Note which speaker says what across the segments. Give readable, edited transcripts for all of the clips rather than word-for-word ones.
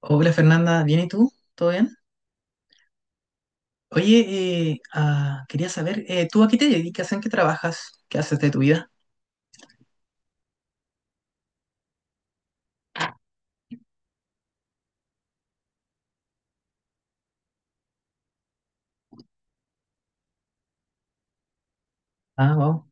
Speaker 1: Hola Fernanda, ¿bien y tú? ¿Todo bien? Oye, quería saber, ¿tú a qué te dedicas? ¿En qué trabajas? ¿Qué haces de tu vida? Ah, wow,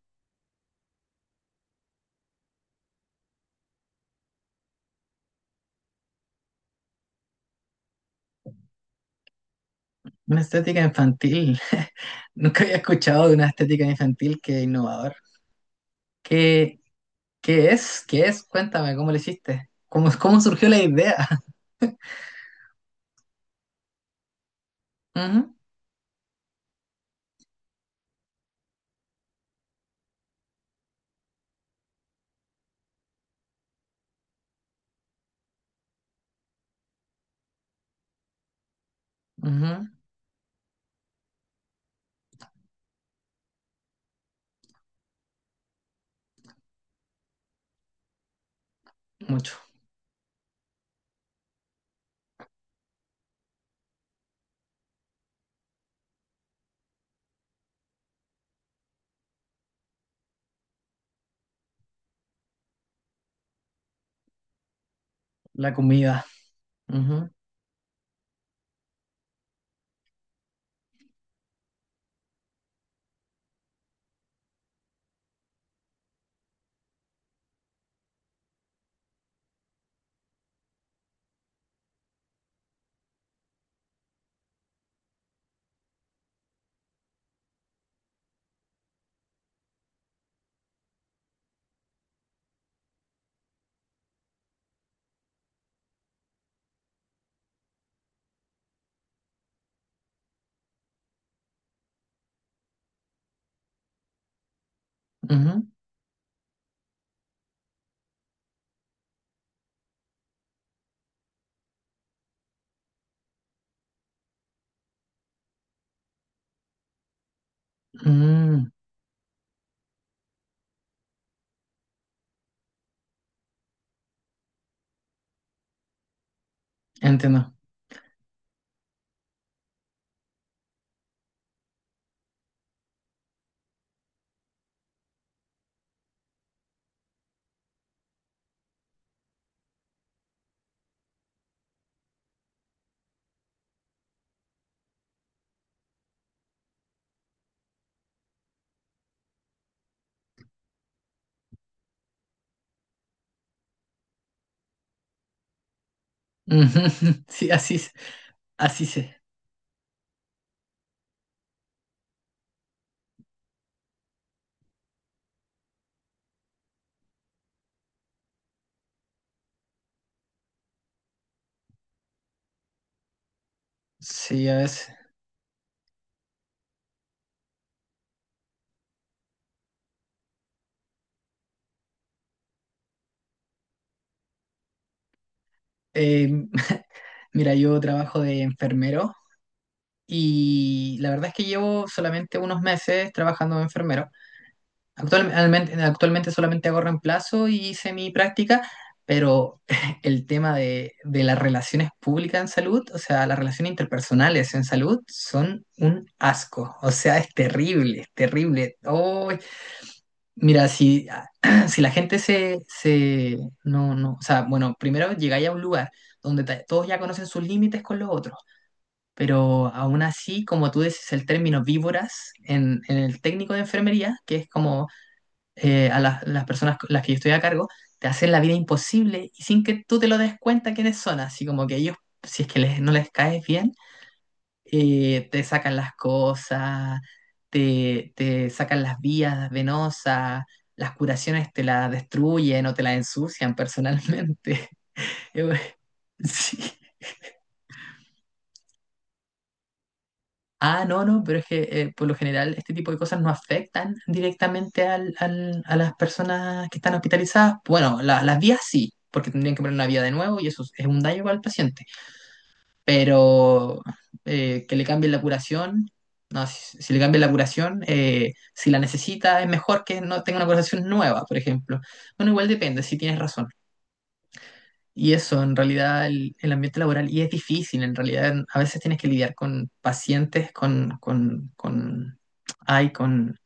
Speaker 1: una estética infantil. Nunca había escuchado de una estética infantil que innovador. ¿Qué, qué es? ¿Qué es? Cuéntame, ¿cómo lo hiciste? ¿Cómo surgió la idea? Ujú, ujú, mucho. La comida. Ujú, ujú, mm, entiendo. Ujú, sí, así, así sé. Sí, a veces. Eh, mira, yo trabajo de enfermero y la verdad es que llevo solamente unos meses trabajando de enfermero. Actualmente solamente hago reemplazo y hice mi práctica, pero el tema de las relaciones públicas en salud, o sea, las relaciones interpersonales en salud, son un asco. O sea, es terrible, es terrible. Oh, mira, si, si la gente se, se... No, no, o sea, bueno, primero llegáis a un lugar donde todos ya conocen sus límites con los otros, pero aún así, como tú dices, el término víboras en el técnico de enfermería, que es como a las personas con las que yo estoy a cargo, te hacen la vida imposible y sin que tú te lo des cuenta quiénes son, así como que ellos, si es que les, no les caes bien, te sacan las cosas, te sacan las vías venosas, las curaciones te las destruyen o te las ensucian personalmente. Bueno, sí. Ah, no, no, pero es que por lo general este tipo de cosas no afectan directamente a las personas que están hospitalizadas. Bueno, las vías sí, porque tendrían que poner una vía de nuevo y eso es un daño para el paciente, pero que le cambien la curación, no, si, si le cambian la curación, si la necesita, es mejor que no tenga una curación nueva, por ejemplo. Bueno, igual depende, si tienes razón. Y eso, en realidad, el ambiente laboral, y es difícil, en realidad, a veces tienes que lidiar con pacientes, con, ay, con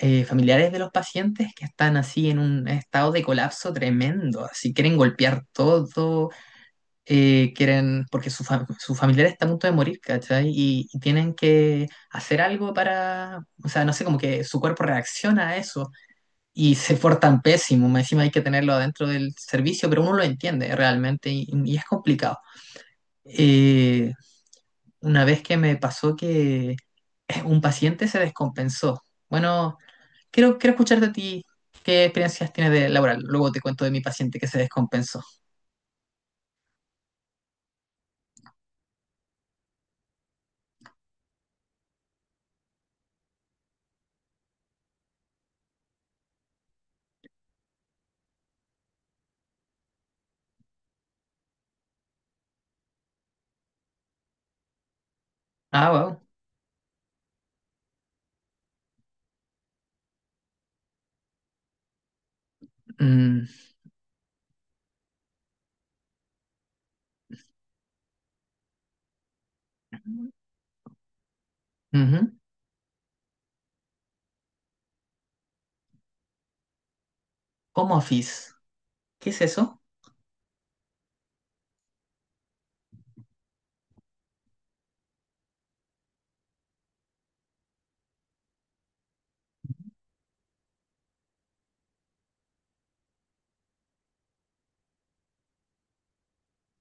Speaker 1: familiares de los pacientes que están así en un estado de colapso tremendo, así quieren golpear todo, quieren, porque su, su familiar está a punto de morir, ¿cachai? Y tienen que hacer algo para, o sea, no sé, como que su cuerpo reacciona a eso y se portan pésimo, más encima hay que tenerlo adentro del servicio, pero uno lo entiende realmente y es complicado. Eh, una vez que me pasó que un paciente se descompensó. Bueno, quiero escucharte a ti. ¿Qué experiencias tienes de laboral? Luego te cuento de mi paciente que se descompensó. Ah, wow. Mm, ujú. Home office. ¿Qué es eso?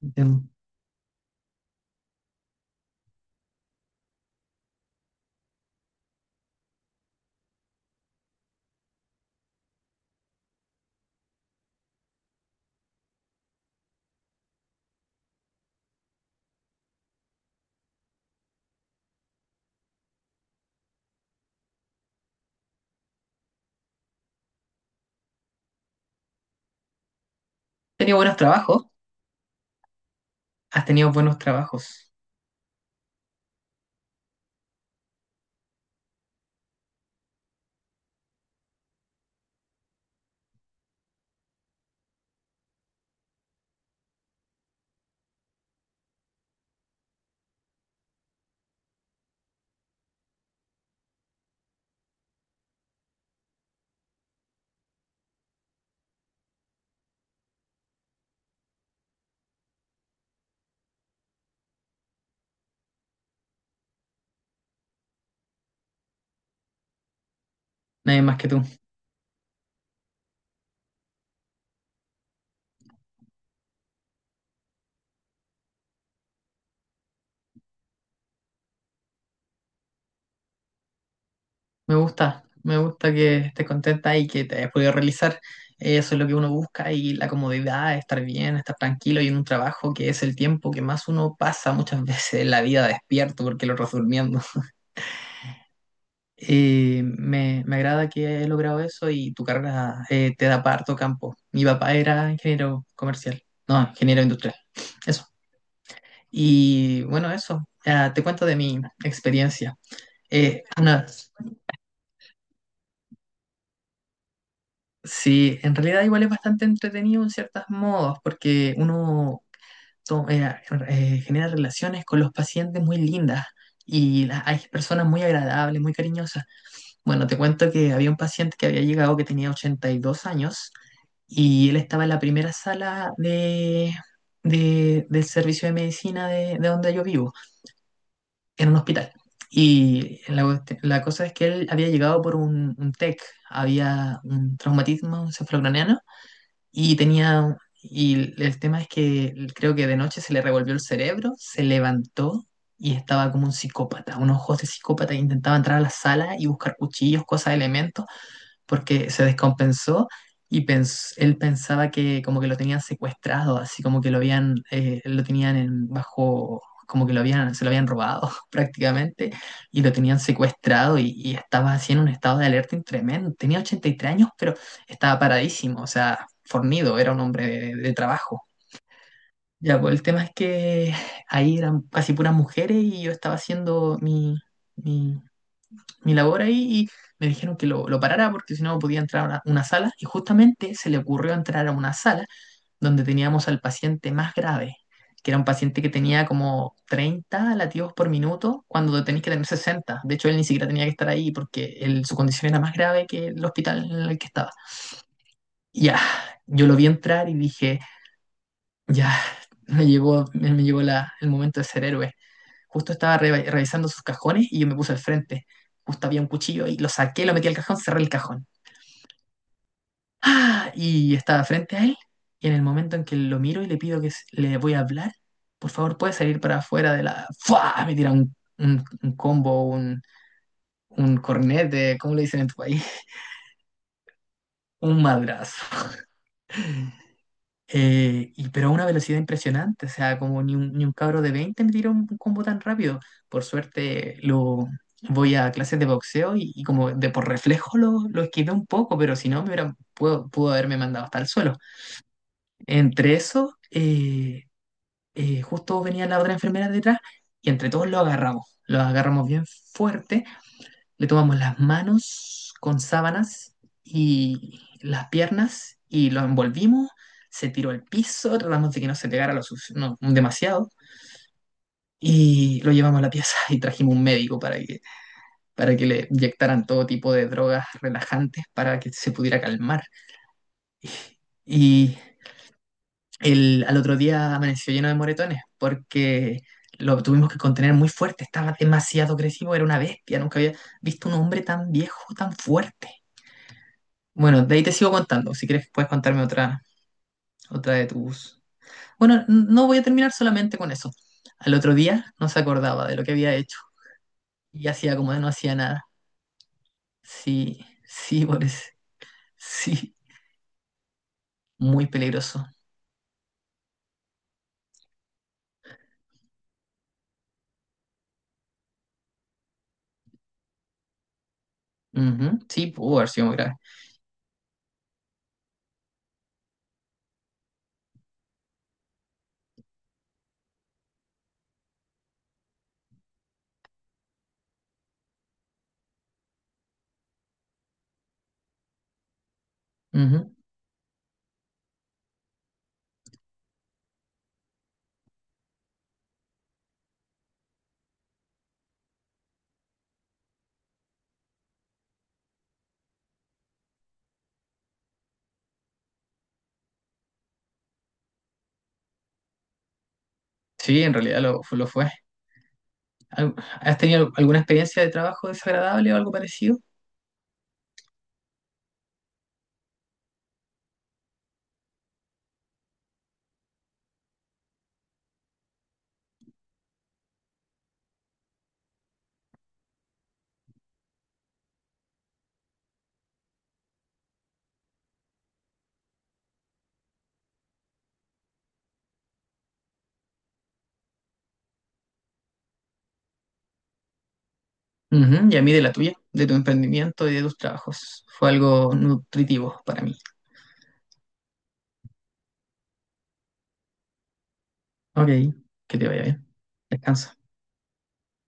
Speaker 1: Entiendo. He tenido buenos trabajos. Has tenido buenos trabajos. Nadie más que tú. Me gusta. Me gusta que estés contenta y que te hayas podido realizar. Eso es lo que uno busca y la comodidad, estar bien, estar tranquilo y en un trabajo que es el tiempo que más uno pasa muchas veces en la vida despierto porque lo otro es durmiendo. Me agrada que he logrado eso y tu carrera, te da parto campo. Mi papá era ingeniero comercial, no, ingeniero industrial. Eso. Y bueno, eso, ah, te cuento de mi experiencia. Ana, sí, en realidad igual es bastante entretenido en ciertos modos, porque uno to- eh, genera relaciones con los pacientes muy lindas y hay personas muy agradables, muy cariñosas. Bueno, te cuento que había un paciente que había llegado que tenía 82 años y él estaba en la primera sala del servicio de medicina de donde yo vivo, en un hospital. Y la, la cosa es que él había llegado por un TEC, había un traumatismo un y tenía... Y el tema es que creo que de noche se le revolvió el cerebro, se levantó y estaba como un psicópata, unos ojos de psicópata que intentaba entrar a la sala y buscar cuchillos, cosas, elementos, porque se descompensó y él pensaba que como que lo tenían secuestrado, así como que lo habían, lo tenían en bajo, como que lo habían, se lo habían robado prácticamente y lo tenían secuestrado y estaba así en un estado de alerta tremendo. Tenía 83 años, pero estaba paradísimo, o sea, fornido, era un hombre de trabajo. Ya, pues el tema es que ahí eran casi puras mujeres y yo estaba haciendo mi mi labor ahí y me dijeron que lo parara porque si no podía entrar a una sala y justamente se le ocurrió entrar a una sala donde teníamos al paciente más grave, que era un paciente que tenía como 30 latidos por minuto cuando tenéis que tener 60. De hecho, él ni siquiera tenía que estar ahí porque su condición era más grave que el hospital en el que estaba. Ya, yo lo vi entrar y dije, ya, me llegó el momento de ser héroe. Justo estaba revisando sus cajones y yo me puse al frente. Justo había un cuchillo y lo saqué, lo metí al cajón, cerré el cajón. ¡Ah! Y estaba frente a él. Y en el momento en que lo miro y le pido que le voy a hablar, por favor, puede salir para afuera de la. ¡Fua! Me tira un combo, un cornete, ¿cómo le dicen en tu país? Un madrazo. Pero a una velocidad impresionante, o sea, como ni un, ni un cabro de 20 me tiró un combo tan rápido. Por suerte lo voy a clases de boxeo y como de por reflejo lo esquivé un poco, pero si no me hubiera, pudo, pudo haberme mandado hasta el suelo. Entre eso, justo venía la otra enfermera detrás y entre todos lo agarramos. Lo agarramos bien fuerte, le tomamos las manos con sábanas y las piernas y lo envolvimos. Se tiró al piso, tratamos de que no se pegara no, demasiado y lo llevamos a la pieza y trajimos un médico para que le inyectaran todo tipo de drogas relajantes para que se pudiera calmar. Y al otro día amaneció lleno de moretones porque lo tuvimos que contener muy fuerte, estaba demasiado agresivo, era una bestia, nunca había visto un hombre tan viejo, tan fuerte. Bueno, de ahí te sigo contando. Si quieres, puedes contarme otra, otra de tus... Bueno, no voy a terminar solamente con eso. Al otro día no se acordaba de lo que había hecho y hacía como no hacía nada. Sí, sí, Boris. Sí, muy peligroso. Ujú, sí, pudo haber sido muy grave. Ujú, sí, en realidad lo, lo fue. Al- ¿has tenido alguna experiencia de trabajo desagradable o algo parecido? Ujú, y a mí de la tuya, de tu emprendimiento y de tus trabajos. Fue algo nutritivo para mí. Ok, que te vaya bien. Descansa.